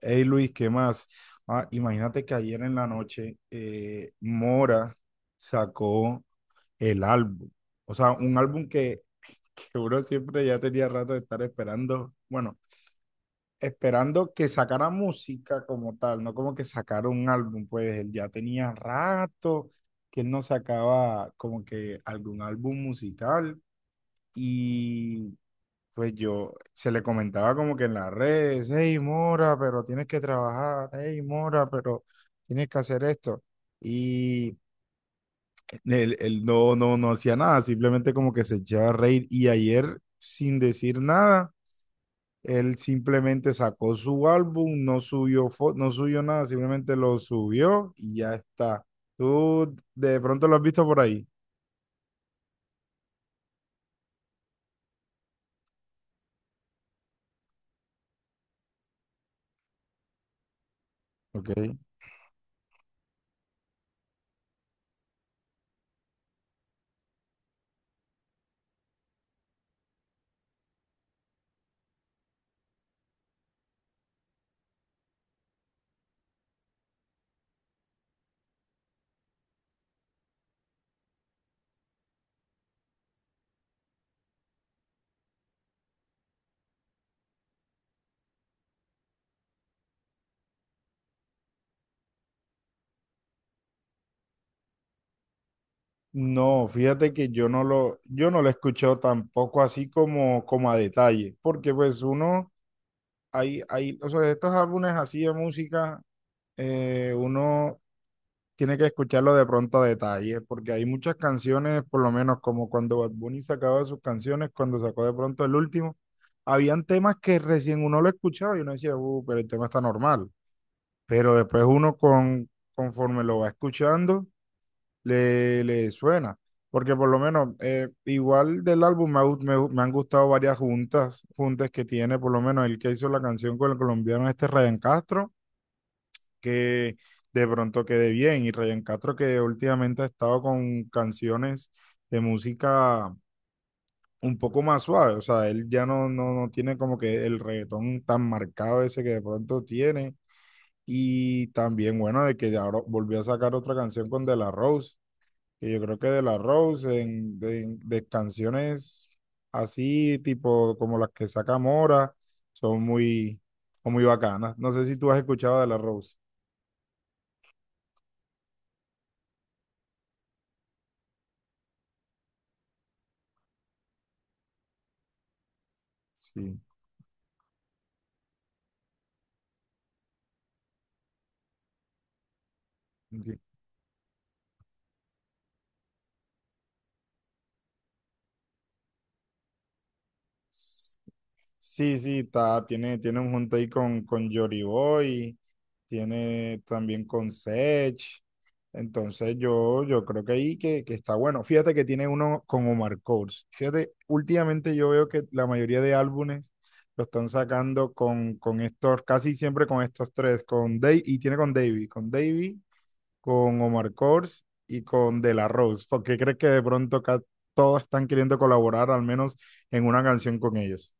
Hey Luis, ¿qué más? Ah, imagínate que ayer en la noche Mora sacó el álbum. O sea, un álbum que uno siempre ya tenía rato de estar esperando. Bueno, esperando que sacara música como tal, no como que sacara un álbum. Pues él ya tenía rato que él no sacaba como que algún álbum musical. Y pues yo se le comentaba como que en las redes, hey Mora, pero tienes que trabajar, hey Mora, pero tienes que hacer esto. Y él no, no, no hacía nada, simplemente como que se echaba a reír. Y ayer, sin decir nada, él simplemente sacó su álbum, no subió, no subió nada, simplemente lo subió y ya está. Tú de pronto lo has visto por ahí. ¿Ok? No, fíjate que yo no lo he escuchado tampoco así como a detalle, porque pues uno, hay, o sea, estos álbumes así de música, uno tiene que escucharlo de pronto a detalle, porque hay muchas canciones, por lo menos como cuando Bad Bunny sacaba sus canciones, cuando sacó de pronto el último, habían temas que recién uno lo escuchaba y uno decía, pero el tema está normal, pero después uno conforme lo va escuchando le suena. Porque por lo menos, igual del álbum me, ha gu- me han gustado varias juntas, juntas que tiene, por lo menos el que hizo la canción con el colombiano este Ryan Castro, que de pronto quede bien. Y Ryan Castro que últimamente ha estado con canciones de música un poco más suave. O sea, él ya no, no, no tiene como que el reggaetón tan marcado ese que de pronto tiene. Y también, bueno, de que ahora volvió a sacar otra canción con De La Rose, que yo creo que de la Rose, de canciones así, tipo como las que saca Mora, son muy bacanas. No sé si tú has escuchado de la Rose. Sí. Sí. Sí, tiene un junto ahí con Jory Boy, tiene también con Sech. Entonces yo creo que ahí que está bueno. Fíjate que tiene uno con Omar Courtz. Fíjate, últimamente yo veo que la mayoría de álbumes lo están sacando con estos, casi siempre con estos tres, y tiene con Davey, con Omar Courtz y con De La Rose. ¿Por qué crees que de pronto acá todos están queriendo colaborar al menos en una canción con ellos?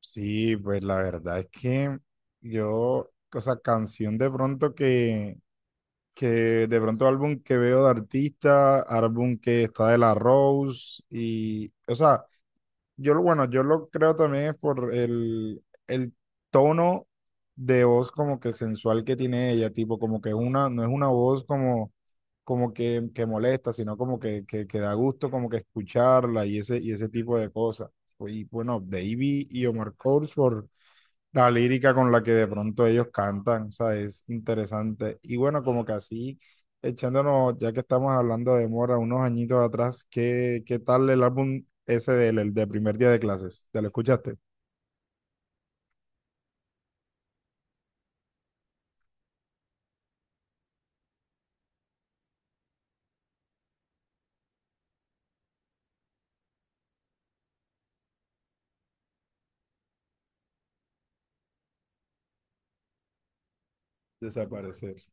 Sí, pues la verdad es que yo, o sea, canción de pronto que de pronto álbum que veo de artista, álbum que está de la Rose y, o sea, bueno, yo lo creo también es por el tono de voz como que sensual que tiene ella, tipo como que una, no es una voz como que, molesta, sino como que da gusto como que escucharla y ese tipo de cosas. Y bueno, Davey y Omar Course por la lírica con la que de pronto ellos cantan, o sea, es interesante. Y bueno, como que así, echándonos, ya que estamos hablando de Mora, unos añitos atrás, ¿qué tal el álbum ese del el de primer día de clases? ¿Te lo escuchaste? Desaparecer,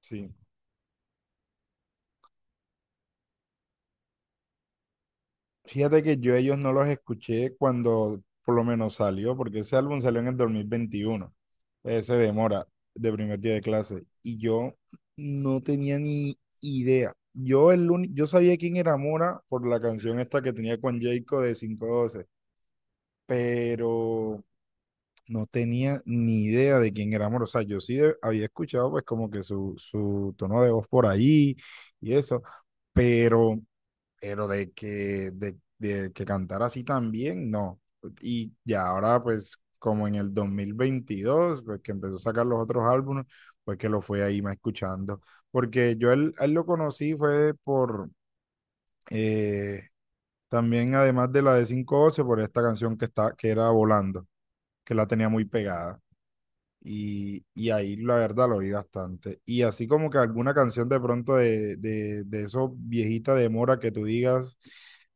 sí. Fíjate que yo ellos no los escuché cuando por lo menos salió, porque ese álbum salió en el 2021. Se demora de primer día de clase. Y yo no tenía ni idea. Yo sabía quién era Mora por la canción esta que tenía con Jayco de 512, pero no tenía ni idea de quién era Mora. O sea, yo sí había escuchado pues como que su tono de voz por ahí y eso, pero pero de que cantara así también, no. Y ya ahora, pues, como en el 2022 pues que empezó a sacar los otros álbumes, pues que lo fue ahí más escuchando. Porque yo a él lo conocí fue por, eh, también además de la de 512, por esta canción que era Volando, que la tenía muy pegada. Y ahí la verdad lo oí bastante. Y así como que alguna canción de pronto de esos viejita de Mora que tú digas,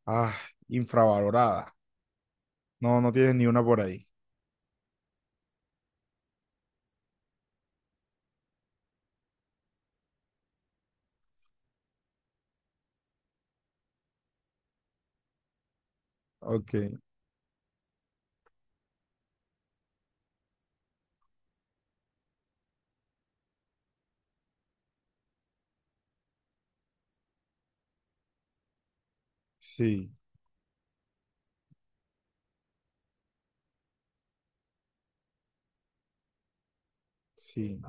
ah, infravalorada. No, no tienes ni una por ahí. Ok, sí, sí,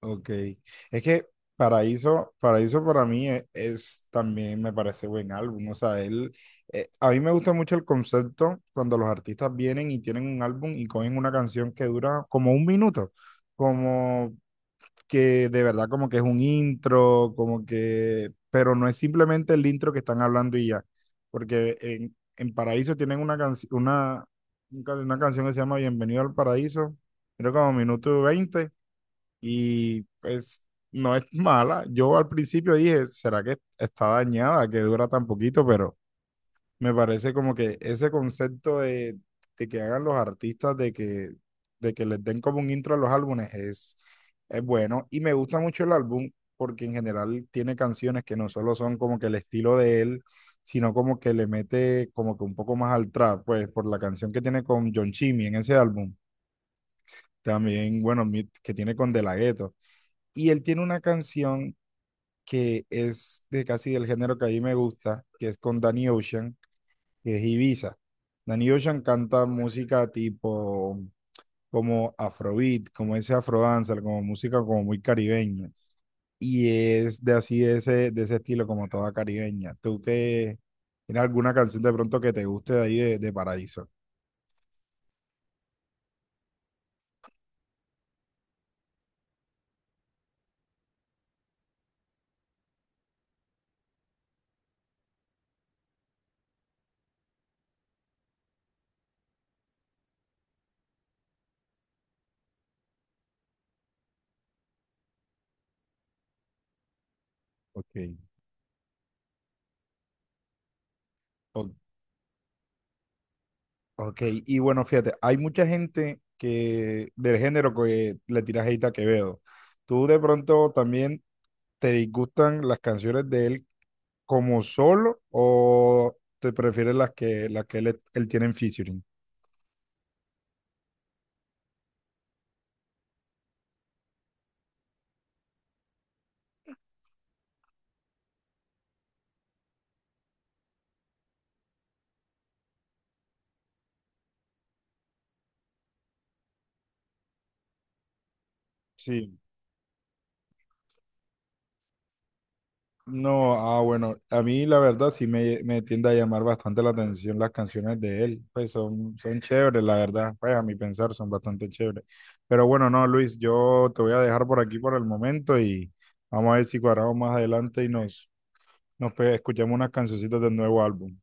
ok. Es que Paraíso, Paraíso para mí es, también me parece buen álbum. O sea, a mí me gusta mucho el concepto cuando los artistas vienen y tienen un álbum y cogen una canción que dura como un minuto. Como que de verdad como que es un intro, como que, pero no es simplemente el intro que están hablando y ya, porque en Paraíso tienen una, canción una, un ca- una canción que se llama Bienvenido al Paraíso, creo como minuto veinte, y pues no es mala. Yo al principio dije, ¿será que está dañada, que dura tan poquito? Pero me parece como que ese concepto de que hagan los artistas, de que les den como un intro a los álbumes, es bueno. Y me gusta mucho el álbum porque en general tiene canciones que no solo son como que el estilo de él, sino como que le mete como que un poco más al trap, pues por la canción que tiene con John Chimmy en ese álbum. También, bueno, que tiene con De La Ghetto. Y él tiene una canción que es de casi del género que a mí me gusta, que es con Danny Ocean, que es Ibiza. Danny Ocean canta música tipo como afrobeat, como ese afrodancer, como música como muy caribeña. Y es de así, de ese, estilo, como toda caribeña. ¿Tú qué? ¿Tienes alguna canción de pronto que te guste de ahí de Paraíso? Ok. o- ok. Y bueno, fíjate, hay mucha gente que del género que le tira hate a Quevedo. ¿Tú de pronto también te disgustan las canciones de él como solo, o te prefieres las que él tiene en featuring? Sí. No, ah, bueno, a mí la verdad sí me tiende a llamar bastante la atención las canciones de él, pues son chéveres, la verdad, pues a mi pensar son bastante chéveres. Pero bueno, no, Luis, yo te voy a dejar por aquí por el momento y vamos a ver si cuadramos más adelante y nos escuchamos unas cancioncitas del nuevo álbum.